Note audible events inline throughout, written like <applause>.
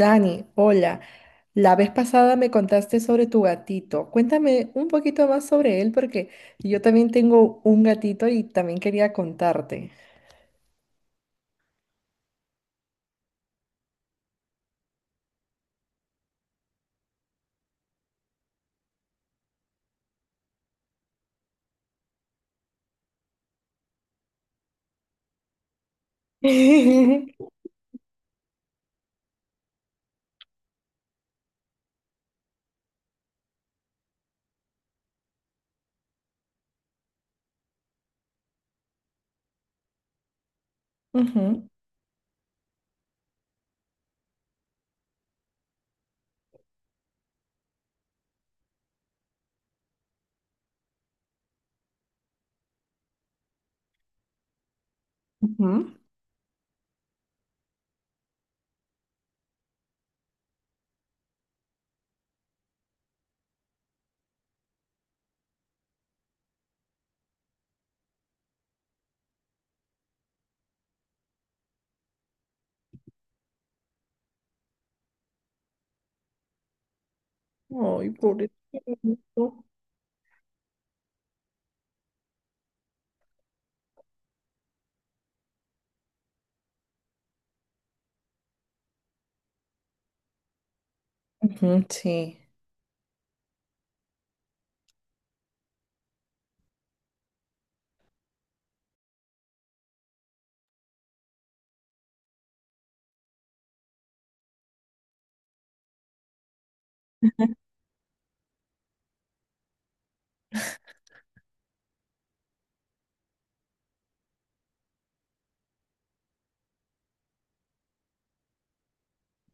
Dani, hola. La vez pasada me contaste sobre tu gatito. Cuéntame un poquito más sobre él porque yo también tengo un gatito y también quería contarte. <laughs> Ujú, ujú. Ay, pobrecito. Ujú, sí.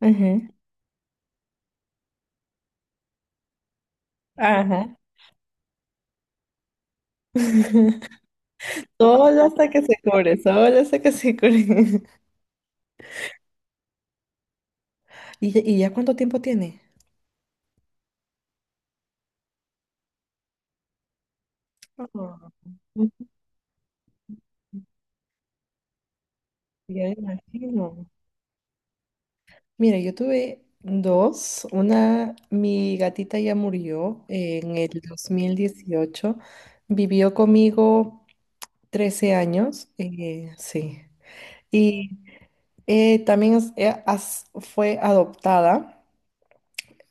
Ujú. Ajá. Solo hasta que se cure, solo hasta que se cure. <laughs> ¿Y ya cuánto tiempo tiene? Ah, ujú. Ya me imagino. Mira, yo tuve dos. Una, mi gatita ya murió en el 2018. Vivió conmigo 13 años. Sí. Y también fue adoptada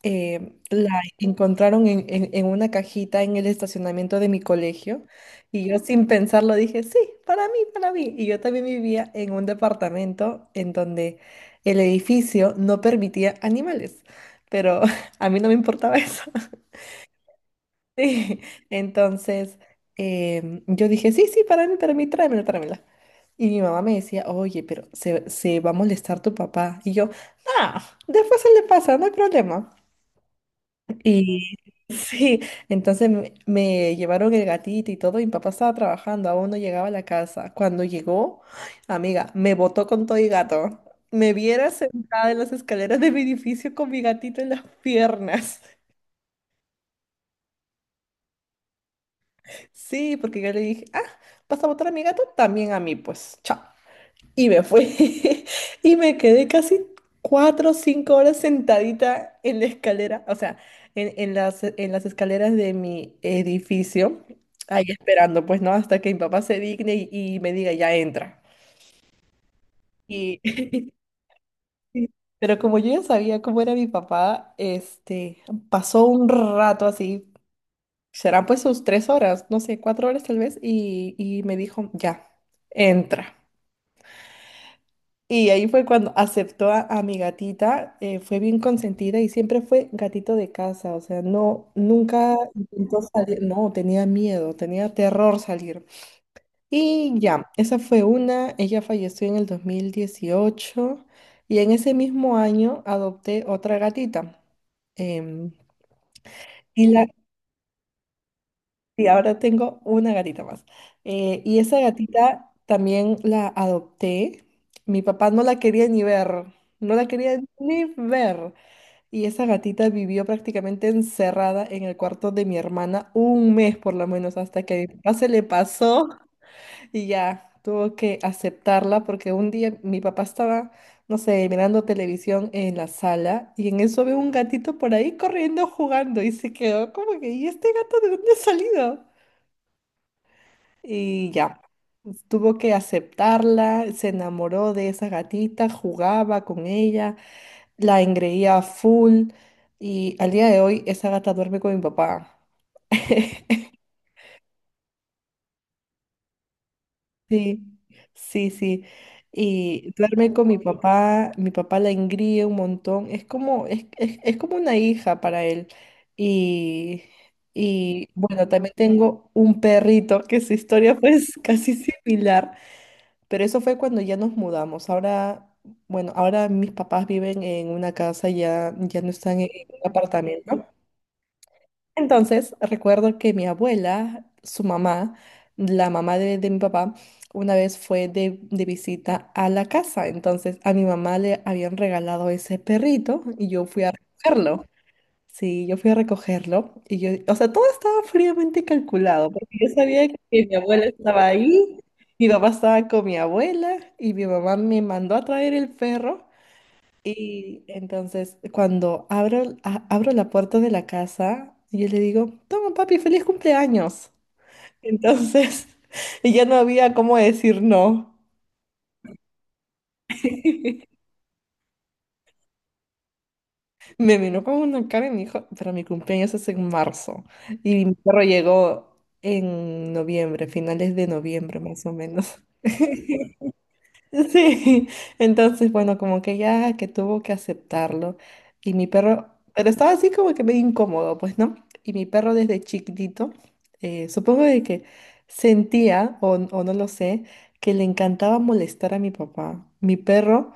eh, La encontraron en una cajita en el estacionamiento de mi colegio y yo sin pensarlo dije, sí, para mí, para mí. Y yo también vivía en un departamento en donde el edificio no permitía animales, pero <laughs> a mí no me importaba eso. <laughs> Sí, entonces yo dije, sí, sí, para mí, tráemela, tráemela. Y mi mamá me decía, oye, pero se va a molestar tu papá. Y yo, ah, después se le pasa, no hay problema. Y <laughs> sí, entonces me llevaron el gatito y todo, y mi papá estaba trabajando, aún no llegaba a la casa. Cuando llegó, amiga, me botó con todo y gato. Me viera sentada en las escaleras de mi edificio con mi gatito en las piernas. <laughs> Sí, porque yo le dije, ah, ¿vas a botar a mi gato? También a mí, pues, chao. Y me fui <laughs> y me quedé casi 4 o 5 horas sentadita en la escalera, o sea, en las escaleras de mi edificio, ahí esperando, pues no, hasta que mi papá se digne y me diga, ya entra. Y, <laughs> y- pero como yo ya sabía cómo era mi papá, este, pasó un rato así, serán pues sus 3 horas, no sé, 4 horas tal vez, y me dijo, ya, entra. Y ahí fue cuando aceptó a mi gatita, fue bien consentida y siempre fue gatito de casa, o sea, no, nunca intentó salir, no, tenía miedo, tenía terror salir. Y ya, esa fue una, ella falleció en el 2018 y en ese mismo año adopté otra gatita. em, y la, y ahora tengo una gatita más. Y esa gatita también la adopté. Mi papá no la quería ni ver, no la quería ni ver. Y esa gatita vivió prácticamente encerrada en el cuarto de mi hermana un mes por lo menos, hasta que a mi papá se le pasó <laughs> y ya tuvo que aceptarla porque un día mi papá estaba, no sé, mirando televisión en la sala y en eso ve un gatito por ahí corriendo, jugando y se quedó como que, ¿y este gato de dónde ha salido? Y ya, pues, tuvo que aceptarla, se enamoró de esa gatita, jugaba con ella, la engreía a full y al día de hoy esa gata duerme con mi papá. Sí, sí, sí. Y duerme con mi papá la engríe un montón, es como una hija para él. Y, y bueno, también tengo un perrito que su historia fue <laughs> casi similar. Pero eso fue cuando ya nos mudamos. Ahora, bueno, ahora mis papás viven en una casa, ya, ya no están en un apartamento. Entonces, recuerdo que mi abuela, su mamá, la mamá de mi papá, una vez fue de visita a la casa. Entonces, a mi mamá le habían regalado ese perrito y yo fui a recogerlo. Sí, yo fui a recogerlo y yo, o sea, todo estaba fríamente calculado, porque yo sabía que mi abuela estaba ahí, mi papá estaba con mi abuela y mi mamá me mandó a traer el perro. Y entonces, cuando abro, abro la puerta de la casa, yo le digo, toma papi, feliz cumpleaños. Entonces, <laughs> y ya no había cómo decir no. <laughs> Me vino con una cara y me dijo, pero mi cumpleaños es en marzo. Y mi perro llegó en noviembre, finales de noviembre más o menos. <laughs> Sí, entonces, bueno, como que ya que tuvo que aceptarlo. Y mi perro, pero estaba así como que medio incómodo, pues, ¿no? Y mi perro desde chiquitito, supongo de que sentía, o no lo sé, que le encantaba molestar a mi papá. Mi perro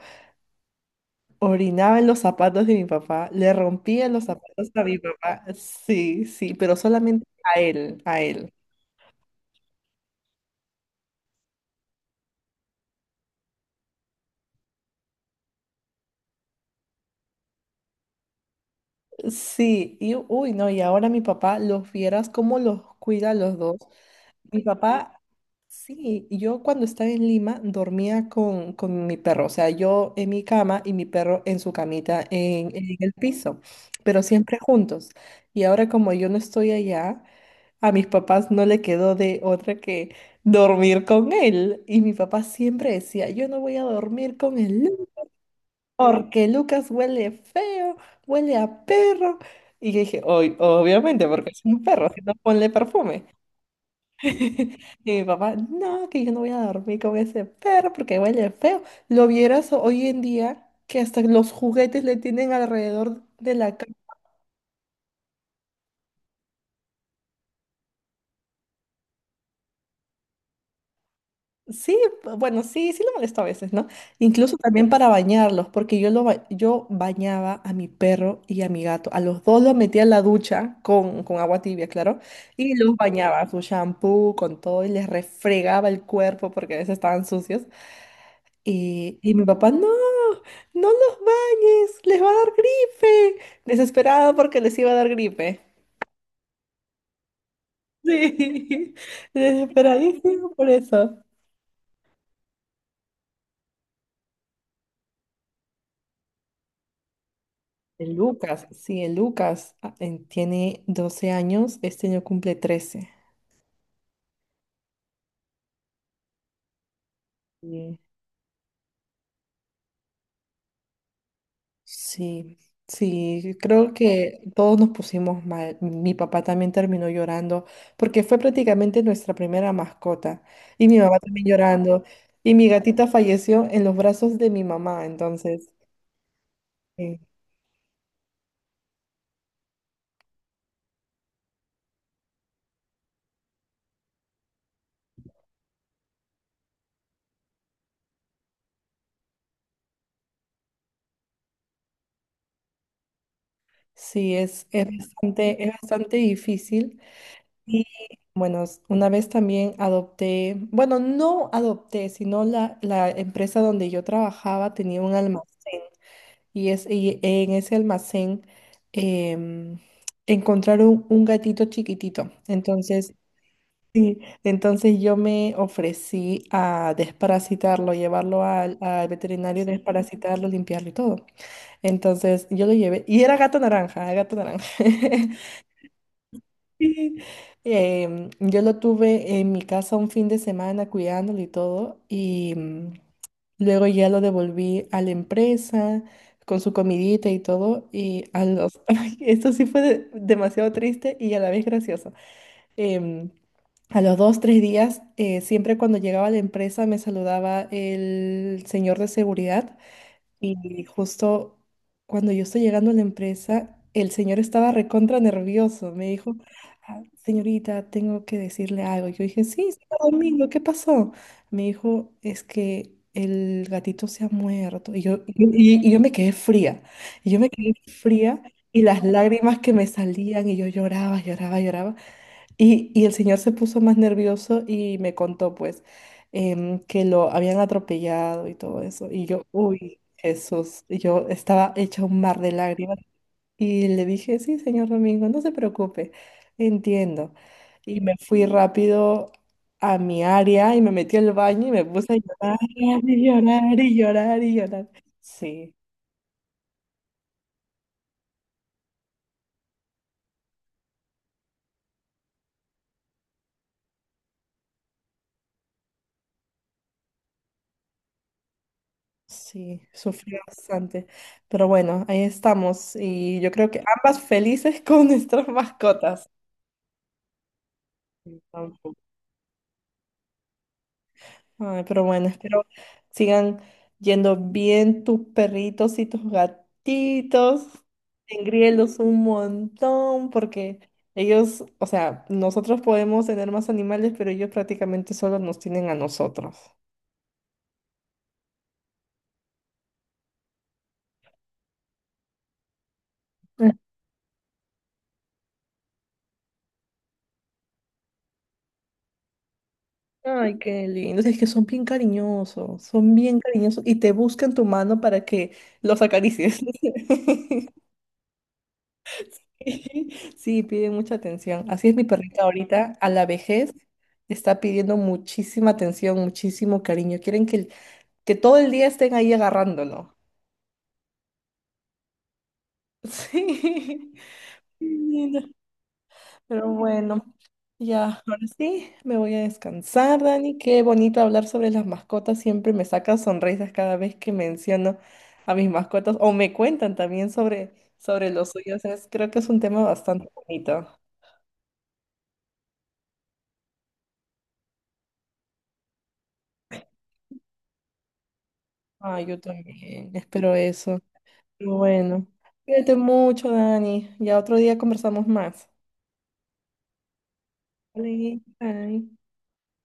orinaba en los zapatos de mi papá, le rompía los zapatos a mi papá, sí, sí, pero solamente a él, a él. Sí, y uy, no, y ahora mi papá, los vieras cómo los cuida a los dos. Mi papá, sí, yo cuando estaba en Lima dormía con mi perro, o sea, yo en mi cama y mi perro en su camita en el piso, pero siempre juntos. Y ahora como yo no estoy allá, a mis papás no le quedó de otra que dormir con él. Y mi papá siempre decía, yo no voy a dormir con el porque Lucas huele feo, huele a perro. Y yo dije, "Oy, obviamente, porque es un perro, si no ponle perfume. <laughs> Y mi papá, no, que yo no voy a dormir con ese perro porque huele feo. Lo vieras hoy en día que hasta los juguetes le tienen alrededor de la cama. Sí, bueno, sí, sí lo molesto a veces, ¿no? Incluso también para bañarlos, porque yo bañaba a mi perro y a mi gato. A los dos los metía en la ducha con agua tibia, claro, y los bañaba su shampoo, con todo, y les refregaba el cuerpo porque a veces estaban sucios. Y mi papá, no, no los bañes, les va a dar gripe. Desesperado porque les iba a dar gripe. Sí, <laughs> desesperadísimo por eso. El Lucas, sí, el Lucas tiene 12 años, este año cumple 13. Y sí, sí, creo que todos nos pusimos mal. Mi papá también terminó llorando porque fue prácticamente nuestra primera mascota. Y mi mamá también llorando. Y mi gatita falleció en los brazos de mi mamá, entonces, sí, sí, es bastante, es bastante difícil. Bueno, una vez también adopté, bueno, no adopté, sino la empresa donde yo trabajaba tenía un almacén y en ese almacén em, encontraron un gatito chiquitito. Entonces, sí, entonces yo me ofrecí a desparasitarlo, llevarlo al veterinario, desparasitarlo, limpiarlo y todo. Entonces yo lo llevé y era gato naranja, gato naranja. <laughs> Sí. Yo lo tuve en mi casa un fin de semana cuidándolo y todo, y luego ya lo devolví a la empresa con su comidita y todo, y a los. <laughs> Ay, esto sí fue demasiado triste y a la vez gracioso. Em, a los dos, tres días, siempre cuando llegaba a la empresa me saludaba el señor de seguridad y justo cuando yo estoy llegando a la empresa, el señor estaba recontra nervioso. Me dijo, "Ah, señorita, tengo que decirle algo. Yo dije, sí, señor Domingo, ¿qué pasó? Me dijo, es que el gatito se ha muerto. Y yo, y yo me quedé fría. Y yo me quedé fría y las lágrimas que me salían y yo lloraba, lloraba, lloraba. Y el señor se puso más nervioso y me contó, pues, que lo habían atropellado y todo eso. Y yo, uy, Jesús, y yo estaba hecha un mar de lágrimas. Y le dije, sí, señor Domingo, no se preocupe, entiendo. Y me fui rápido a mi área y me metí al baño y me puse a llorar y llorar y llorar y llorar. Sí. Sí, sufrí bastante. Pero bueno, ahí estamos. Y yo creo que ambas felices <laughs> con nuestras mascotas. Ay, pero bueno, espero sigan yendo bien tus perritos y tus gatitos. Engríelos un montón porque ellos, o sea, nosotros podemos tener más animales, pero ellos prácticamente solo nos tienen a nosotros. Ay, qué lindo. Es que son bien cariñosos y te buscan tu mano para que los acaricies. <laughs> Sí, piden mucha atención. Así es mi perrita ahorita, a la vejez, está pidiendo muchísima atención, muchísimo cariño. Quieren que todo el día estén ahí agarrándolo. <laughs> Sí. Pero bueno, ya, ahora sí, me voy a descansar, Dani. Qué bonito hablar sobre las mascotas. Siempre me saca sonrisas cada vez que menciono a mis mascotas o me cuentan también sobre los suyos. Creo que es un tema bastante bonito. Ah, yo también, espero eso. Bueno, cuídate mucho, Dani. Ya otro día conversamos más. Vale, bye.